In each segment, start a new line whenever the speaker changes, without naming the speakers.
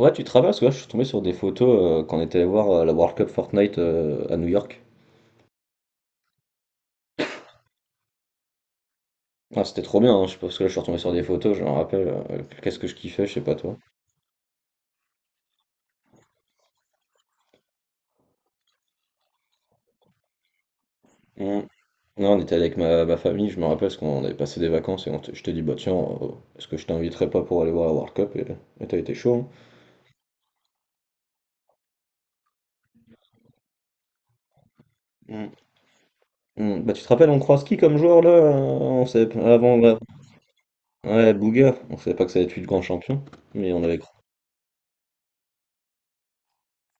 Ouais, tu travailles parce que là, je suis tombé sur des photos quand on était allé voir la World Cup Fortnite à New York. Ah, c'était trop bien, hein, je pense que là, je suis retombé sur des photos, je me rappelle, qu'est-ce que je kiffais, je sais pas toi. Mm. Non, on était avec ma famille, je me rappelle, parce qu'on avait passé des vacances et on je t'ai dit, bah tiens, euh, est-ce que je t'inviterais pas pour aller voir la World Cup? Et t'as été chaud. Hein. Mm. Hmm, bah, tu te rappelles, on croise qui comme joueur là? On savait avant, là. Ouais, Bouga, on savait pas que ça allait être lui le grand champion, mais on avait.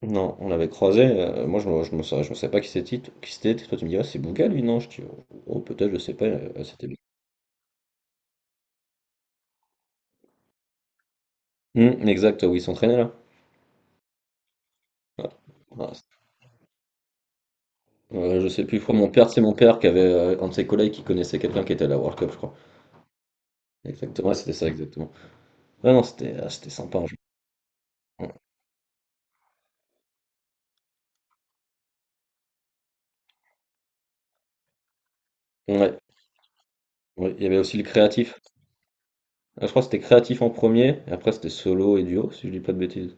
Non, on l'avait croisé. Moi, je ne je me sa- je savais pas qui c'était. Qui c'était. Toi, tu me dis, ah, c'est Bouga, lui? Non, je dis, oh, oh, peut-être, je sais pas. C'était lui. Exact, oui, il s'entraînait là. Ouais. Ouais, c'est- je sais plus, je crois, c'est mon père qui avait un de ses collègues qui connaissait quelqu'un qui était à la World Cup, je crois. Exactement, ouais, c'était ça, exactement. Ah non, c'était ah, c'était sympa. En jeu. Ouais, ouais, il y avait aussi le créatif. Ah, je crois que c'était créatif en premier, et après c'était solo et duo, si je dis pas de bêtises.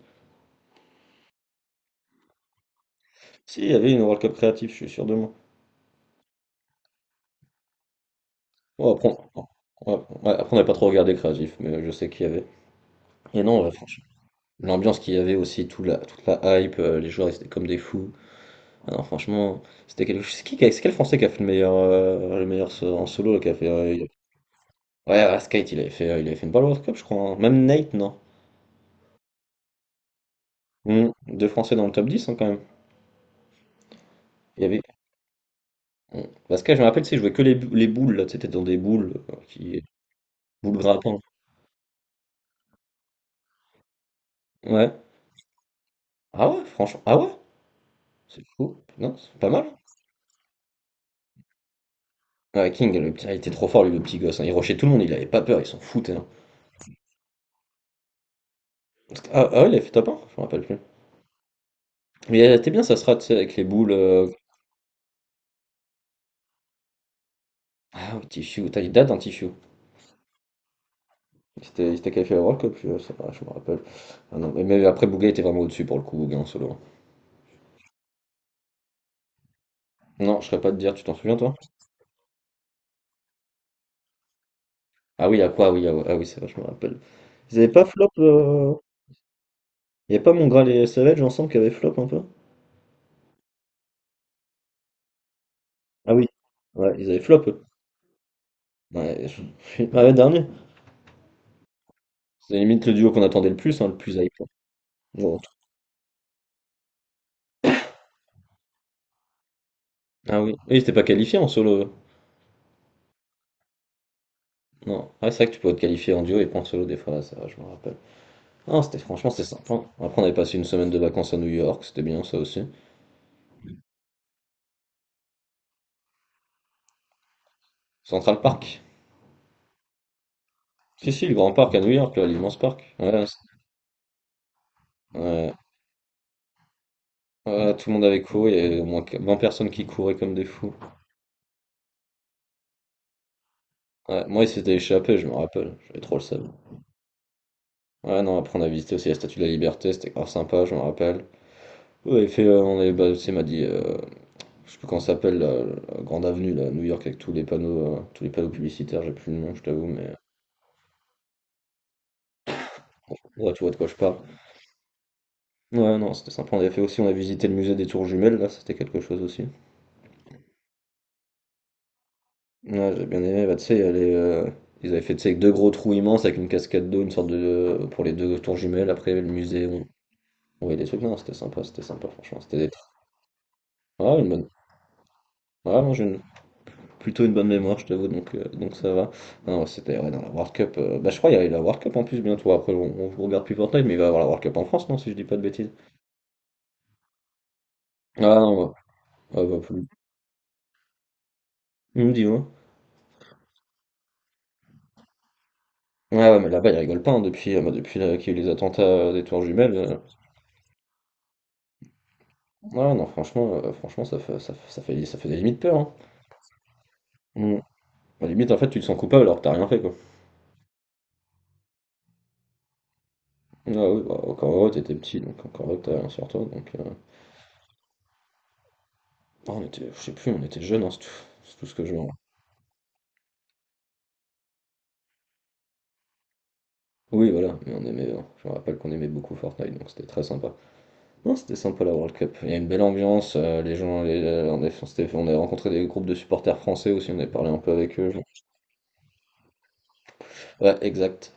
Si, il y avait une World Cup créatif, je suis sûr de moi. Oh, on- ouais, ouais, après, on n'a pas trop regardé créatif, mais je sais qu'il y avait. Et non, franchement, l'ambiance qu'il y avait aussi, toute la hype, les joueurs ils étaient comme des fous. Ah non, franchement, c'était quelque chose. C'est quel Français qui a fait le meilleur, en solo là, qui a fait. Ouais, ouais, Skate, il avait fait, une balle World Cup, je crois. Hein. Même Nate, non? Hmm, deux Français dans le top 10 hein, quand même. Il y avait. Hmm. Parce que je me rappelle, tu sais, je jouais que les, bou- les boules, là, tu sais, t'es dans des boules, qui... boules grattantes. Ouais. Ah ouais, franchement. Ah ouais? C'est fou. Non, c'est pas mal. Ouais, King, il était trop fort, lui, le petit gosse. Hein. Il rushait tout le monde, il avait pas peur, il s'en foutait. Hein. Ah, ah ouais, il avait fait top 1? Je me rappelle plus. Mais elle était bien, ça sera, tu sais, avec les boules. Ah, Tichou, putain, il date un Tichou. Il s'était qualifié à la World Cup, je sais pas, je me rappelle. Ah non, mais après, Bouga était vraiment au-dessus pour le coup, Bouga en solo. Non, je serais pas de dire, tu t'en souviens toi? Ah oui, à quoi? Ah oui, ah, ouais, ah oui, c'est vrai, je me rappelle. Ils avaient pas flop. Il y a pas Mongral et Savage ensemble qui avaient flop un peu? Ah oui, ouais, ils avaient flop eux. Ouais, ah ouais, dernier. C'est limite le duo qu'on attendait le plus, hein, le plus hype. Bon. Ah oui, et ils s'étaient pas qualifiés en solo. Non. Ah, c'est vrai que tu pouvais te qualifier en duo et pas en solo des fois, ouais, c'est vrai, je me rappelle. Non, c'était franchement c'était sympa. Après on avait passé une semaine de vacances à New York, c'était bien ça aussi. Central Park. Si si, le grand parc à New York, là, l'immense parc. Ouais, ouais, ouais. Ouais, tout le monde avait couru, il y avait au moins 20 personnes qui couraient comme des fous. Ouais, moi il s'était échappé, je me rappelle, j'avais trop le seum. Ouais non, après on a visité aussi la Statue de la Liberté, c'était grave sympa, je me rappelle. On avait fait, bah, tu sais, il m'a dit, je sais plus comment ça s'appelle, la grande avenue, là, à New York, avec tous les panneaux publicitaires, j'ai plus le nom, je t'avoue, mais. Bon, ouais, tu vois de quoi je parle. Ouais, non, c'était sympa. On avait fait aussi, on a visité le musée des tours jumelles, là, c'était quelque chose aussi. Ouais, j'ai bien aimé. Bah, tu sais, il y a les, ils avaient fait, tu sais, avec deux gros trous immenses avec une cascade d'eau, une sorte de. Pour les deux tours jumelles. Après, il y avait le musée, on voyait des trucs. Non, c'était sympa, franchement. C'était des. Ah, une bonne. Ah, moi, j'ai une- Plutôt une bonne mémoire, je t'avoue, donc ça va. Non, ouais, c'était ouais, Dans la World Cup. Bah, je crois qu'il y avait la World Cup en plus bientôt. Après, on regarde plus Fortnite, mais il va y avoir la World Cup en France, non, si je dis pas de bêtises. Ah, non, ouais. Ah, bah, plus. Dis-moi. Ouais, ouais, mais là-bas, ils rigolent pas hein, depuis, bah, depuis qu'il y a eu les attentats des tours jumelles. Ouais, ouais, non, franchement, franchement, ça fait des limites peur. Hein. Mm. Bah, limite, en fait, tu te sens coupable alors que t'as rien fait, quoi. Ah oui, bah, encore heureux, t'étais petit, donc encore heureux que t'as rien sur toi. Donc, ah, on était, je sais plus, on était jeunes, hein, c'est tout ce que je vois. Oui, voilà, mais on aimait, je me rappelle qu'on aimait beaucoup Fortnite, donc c'était très sympa. Non, c'était sympa la World Cup. Il y a une belle ambiance, on a rencontré des groupes de supporters français aussi, on a parlé un peu avec eux. Ouais, exact.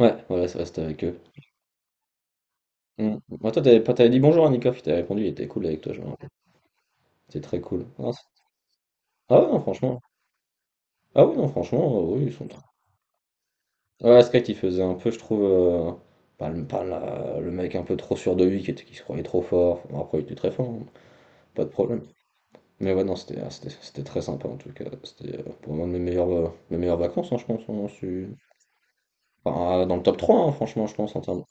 Ouais, voilà, ça reste avec eux. Mm. Bah, toi, t'avais pas, t'avais dit bonjour à Nicoff, il t'avait répondu, il était cool avec toi, je me rappelle. C'était très cool. Ah ouais, non, franchement. Ah oui, non, franchement, oui, ils sont trop. Ouais, Sky qui faisait un peu, je trouve, pas, le, pas la- le mec un peu trop sûr de lui, qui se croyait trop fort. Bon, après, il était très fort, hein, pas de problème. Mais ouais, non, c'était ah, c'était c'était très sympa en tout cas. C'était pour moi de mes meilleures vacances, hein, je pense. Dans le top 3 hein, franchement, je pense, en termes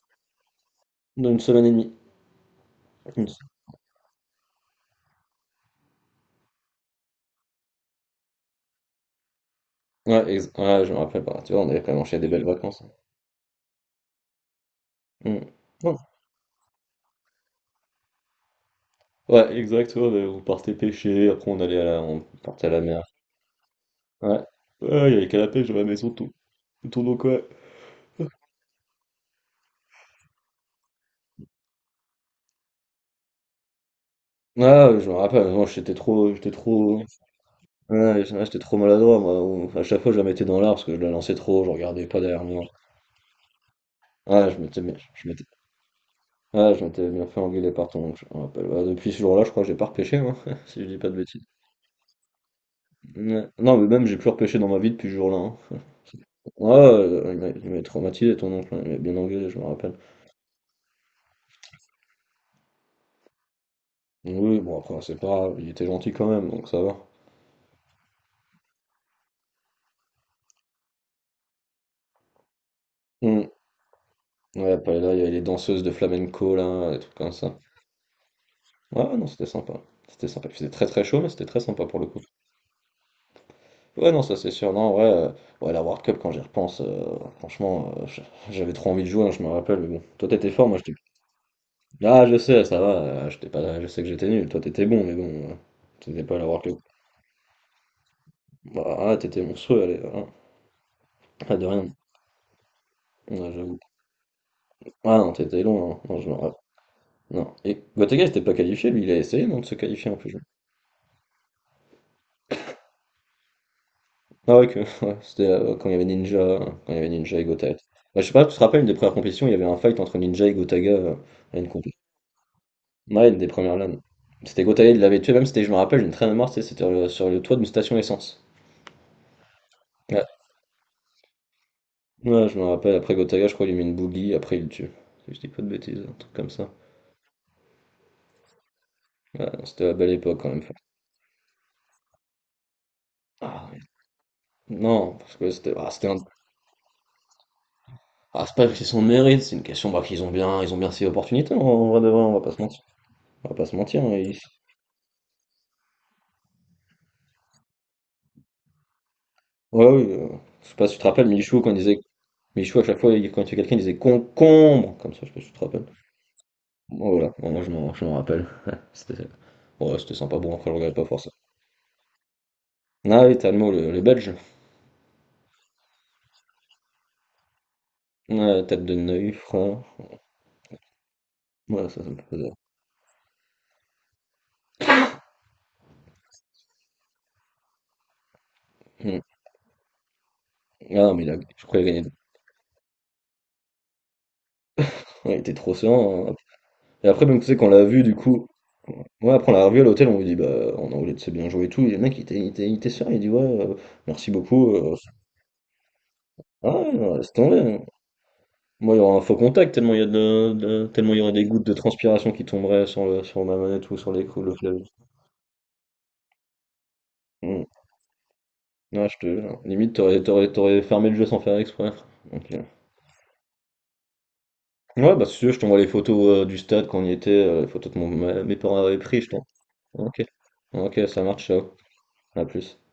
d'une semaine et demie. Une se- Ouais, ouais, je me rappelle pas. Tu vois, on avait quand même enchaîné des belles vacances. Hein. Mm. Ouais, exact, ouais, bah, on partait pêcher, après on allait à la, on partait à la mer. Ouais. Ouais, il y avait qu'à la pêche dans la maison tout, tout donc ouais. Ah, je me rappelle, moi j'étais trop, ouais, ouais, j'étais trop maladroit, moi. À chaque fois je la mettais dans l'art parce que je la lançais trop, je regardais pas derrière moi. Ouais, je m'étais, je m'étais, ouais, je m'étais bien fait engueuler par ton oncle, je me rappelle. Ouais, depuis ce jour-là, je crois que j'ai pas repêché, moi, si je dis pas de bêtises. Ouais. Non, mais même j'ai plus repêché dans ma vie depuis ce jour-là. Hein. Ouais, ouais, il m'avait traumatisé ton oncle, hein, il m'a bien engueulé, je me rappelle. Oui, oui, bon après c'est pas grave, il était gentil quand même, donc ça va. Hmm. Ouais, après là, il y avait les danseuses de flamenco, là, des trucs comme ça. Ouais, ouais, non, c'était sympa. C'était sympa. Il faisait très très chaud, mais c'était très sympa pour le coup. Ouais, non, ça c'est sûr. Non, ouais, ouais, la World Cup, quand j'y repense, franchement, j'avais trop envie de jouer, hein, je me rappelle, mais bon. Toi, t'étais fort, moi, j'étais. Ah, je sais, ça va, j'étais pas... je sais que j'étais nul. Toi, t'étais bon, mais bon, t'étais pas à la World Cup. Bah, ah, t'étais monstrueux, allez, voilà. Ah, de rien. Ouais, j'avoue. Ah non, t'étais long, hein. Non, je me rappelle. Non. Et Gotaga, n'était pas qualifié, lui, il a essayé, non, de se qualifier en plus. Ah ouais, que... ouais, c'était quand il y avait Ninja et Gotaga. Ouais, je sais pas, tu te rappelles, une des premières compétitions, il y avait un fight entre Ninja et Gotaga à une compétition. Ouais, une des premières LAN. C'était Gotaga, il l'avait tué, même, c'était, je me rappelle, j'ai une très bonne mémoire, tu sais, c'était sur sur le toit d'une station essence. Ouais. Ouais, je me rappelle, après Gotaga, je crois, il lui met une bougie, après il le tue. Si je dis pas de bêtises, un truc comme ça. Ouais, non, c'était la belle époque quand même. Ah, ouais. Non, parce que c'était un... Ah, c'est pas que c'est son mérite, c'est une question bah, ils ont bien ces opportunités, en vrai de vrai, on va pas se mentir. On va pas se mentir. Hein, ils. Ouais, oui, je sais pas si tu te rappelles, Michou, quand il disait, Michou, à chaque fois, quand il tuait quelqu'un, il disait concombre, comme ça, je sais pas si tu te rappelles. Bon, voilà, bon, moi, je m'en rappelle. Ouais, c'était, ouais, c'était sympa, bon, après, je regarde pas forcément. Ah oui, t'as le mot, le belge. Ouais, tête de Neuil, frère. Ça me faisait. Hmm. Ah, mais il a, je crois qu'il a gagné. Ouais, il était trop serein. Hein. Et après, même, tu sais, qu'on l'a vu, du coup. Ouais, après on l'a revu à l'hôtel, on lui dit, bah, en anglais, tu sais bien jouer et tout. Et le mec, il était serein, il dit, ouais, merci beaucoup. Ah, ouais, non, laisse tomber. Hein. Moi, il y aura un faux contact, tellement il y a tellement il y aurait des gouttes de transpiration qui tomberaient sur sur ma manette ou sur l'écrou, le clavier. Mm. Ouais, je te jure. Limite, t'aurais fermé le jeu sans faire exprès. Donc, ouais, bah, si tu veux, je t'envoie les photos du stade quand on y était, les photos que mon, ma- mes parents avaient pris, je t'en. Ok. Ok, ça marche, ciao. À plus.